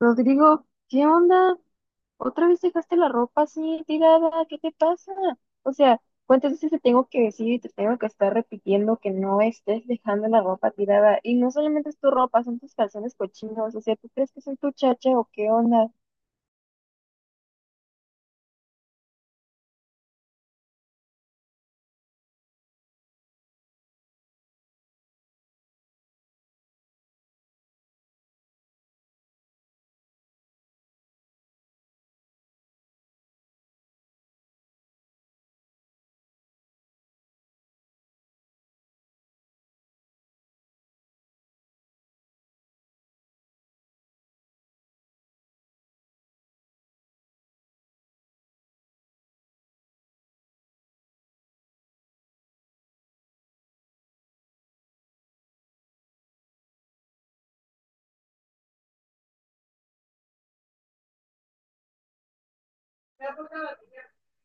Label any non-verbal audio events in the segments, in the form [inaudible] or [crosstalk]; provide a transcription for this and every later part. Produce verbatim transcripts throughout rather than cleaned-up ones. Rodrigo, ¿qué onda? ¿Otra vez dejaste la ropa así tirada? ¿Qué te pasa? O sea, ¿cuántas veces te tengo que decir y te tengo que estar repitiendo que no estés dejando la ropa tirada? Y no solamente es tu ropa, son tus calzones cochinos. O sea, ¿tú crees que soy tu chacha o qué onda?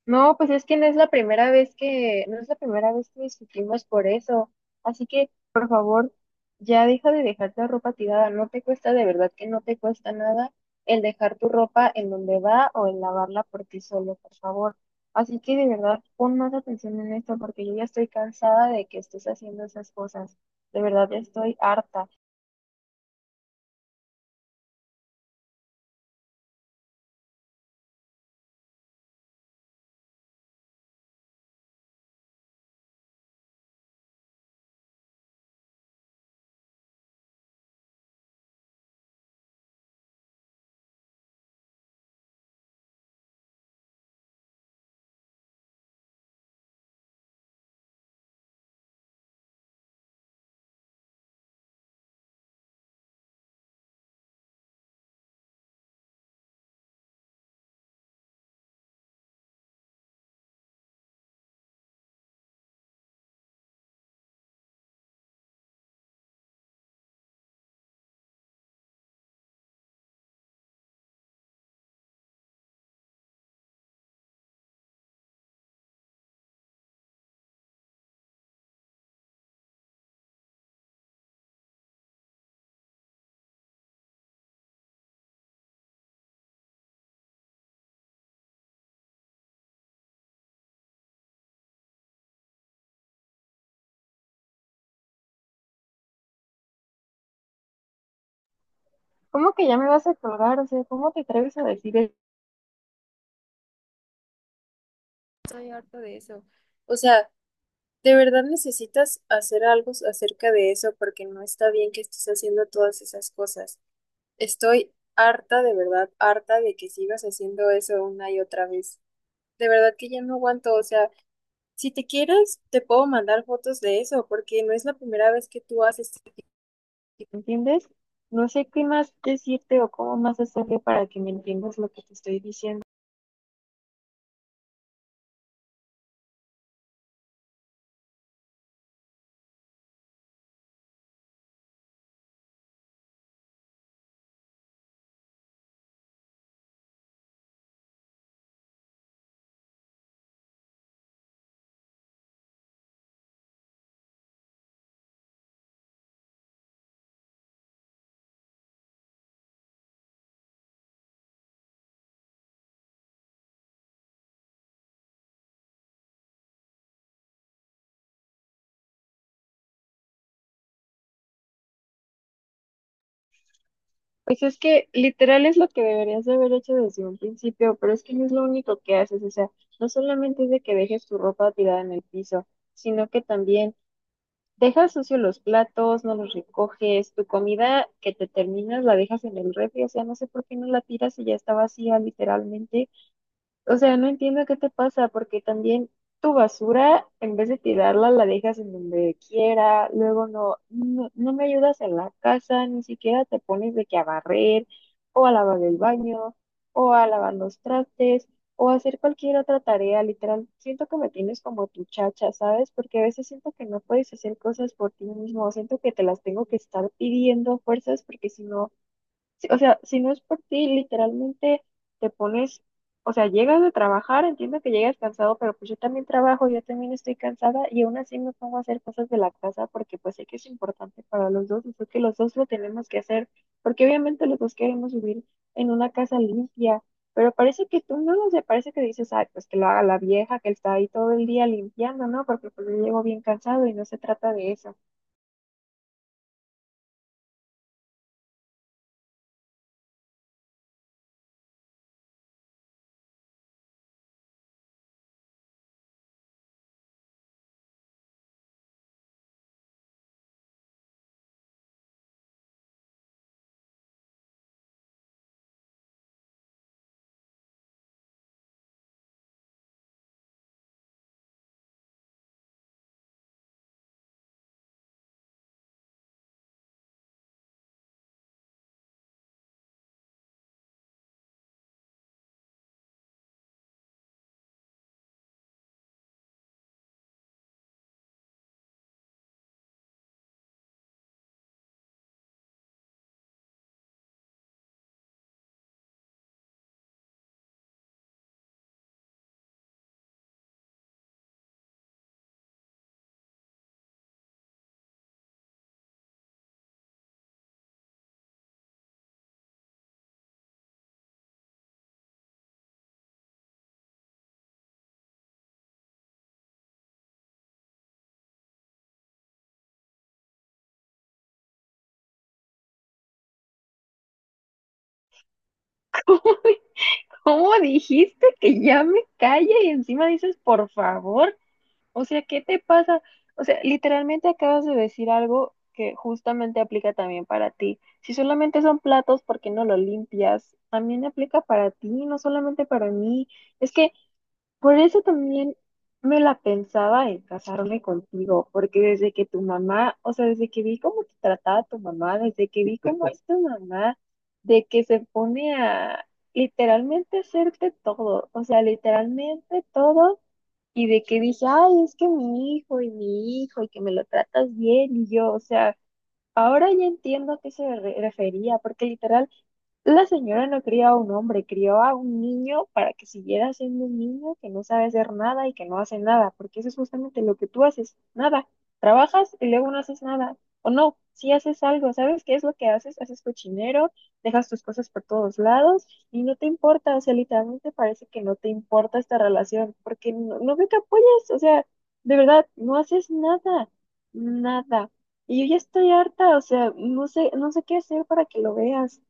No, pues es que no es la primera vez que, no es la primera vez que discutimos por eso. Así que, por favor, ya deja de dejar la ropa tirada. No te cuesta, de verdad que no te cuesta nada el dejar tu ropa en donde va o el lavarla por ti solo, por favor. Así que de verdad, pon más atención en esto porque yo ya estoy cansada de que estés haciendo esas cosas. De verdad, ya estoy harta. ¿Cómo que ya me vas a colgar? O sea, ¿cómo te atreves a decir eso? Estoy harta de eso. O sea, de verdad necesitas hacer algo acerca de eso porque no está bien que estés haciendo todas esas cosas. Estoy harta, de verdad, harta de que sigas haciendo eso una y otra vez. De verdad que ya no aguanto. O sea, si te quieres, te puedo mandar fotos de eso porque no es la primera vez que tú haces. ¿Entiendes? No sé qué más decirte o cómo más hacerle para que me entiendas lo que te estoy diciendo. Pues es que literal es lo que deberías de haber hecho desde un principio, pero es que no es lo único que haces, o sea, no solamente es de que dejes tu ropa tirada en el piso, sino que también dejas sucios los platos, no los recoges, tu comida que te terminas la dejas en el refri, o sea, no sé por qué no la tiras y ya está vacía literalmente. O sea, no entiendo qué te pasa, porque también tu basura, en vez de tirarla, la dejas en donde quiera, luego no, no, no me ayudas en la casa, ni siquiera te pones de que a barrer, o a lavar el baño, o a lavar los trastes, o a hacer cualquier otra tarea, literal. Siento que me tienes como tu chacha, ¿sabes? Porque a veces siento que no puedes hacer cosas por ti mismo, siento que te las tengo que estar pidiendo a fuerzas, porque si no. Sí, o sea, si no es por ti, literalmente te pones, o sea, llegas de trabajar, entiendo que llegas cansado, pero pues yo también trabajo, yo también estoy cansada y aún así me pongo a hacer cosas de la casa porque pues sé que es importante para los dos y sé que los dos lo tenemos que hacer porque obviamente los dos queremos vivir en una casa limpia, pero parece que tú no lo sé, parece que dices, ay, pues que lo haga la vieja que está ahí todo el día limpiando, ¿no? Porque pues yo llego bien cansado y no se trata de eso. [laughs] ¿Cómo dijiste que ya me calle y encima dices por favor? O sea, ¿qué te pasa? O sea, literalmente acabas de decir algo que justamente aplica también para ti. Si solamente son platos, ¿porque no lo limpias? También aplica para ti, no solamente para mí. Es que por eso también me la pensaba en casarme contigo, porque desde que tu mamá, o sea, desde que vi cómo te trataba tu mamá, desde que vi cómo es tu mamá, de que se pone a literalmente hacerte todo, o sea, literalmente todo, y de que dije, ay, es que mi hijo y mi hijo, y que me lo tratas bien, y yo, o sea. Ahora ya entiendo a qué se re- refería, porque literal, la señora no crió a un hombre, crió a un niño para que siguiera siendo un niño que no sabe hacer nada y que no hace nada, porque eso es justamente lo que tú haces, nada. Trabajas y luego no haces nada, o no, si haces algo, ¿sabes qué es lo que haces? Haces cochinero, dejas tus cosas por todos lados y no te importa, o sea, literalmente parece que no te importa esta relación, porque no, no veo que apoyes, o sea, de verdad, no haces nada, nada. Y yo ya estoy harta, o sea, no sé, no sé qué hacer para que lo veas.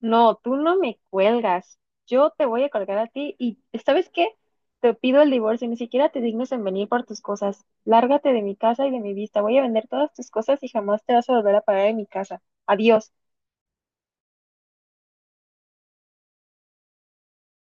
No, tú no me cuelgas. Yo te voy a colgar a ti y ¿sabes qué? Te pido el divorcio, ni siquiera te dignes en venir por tus cosas. Lárgate de mi casa y de mi vista. Voy a vender todas tus cosas y jamás te vas a volver a parar en mi casa. Adiós.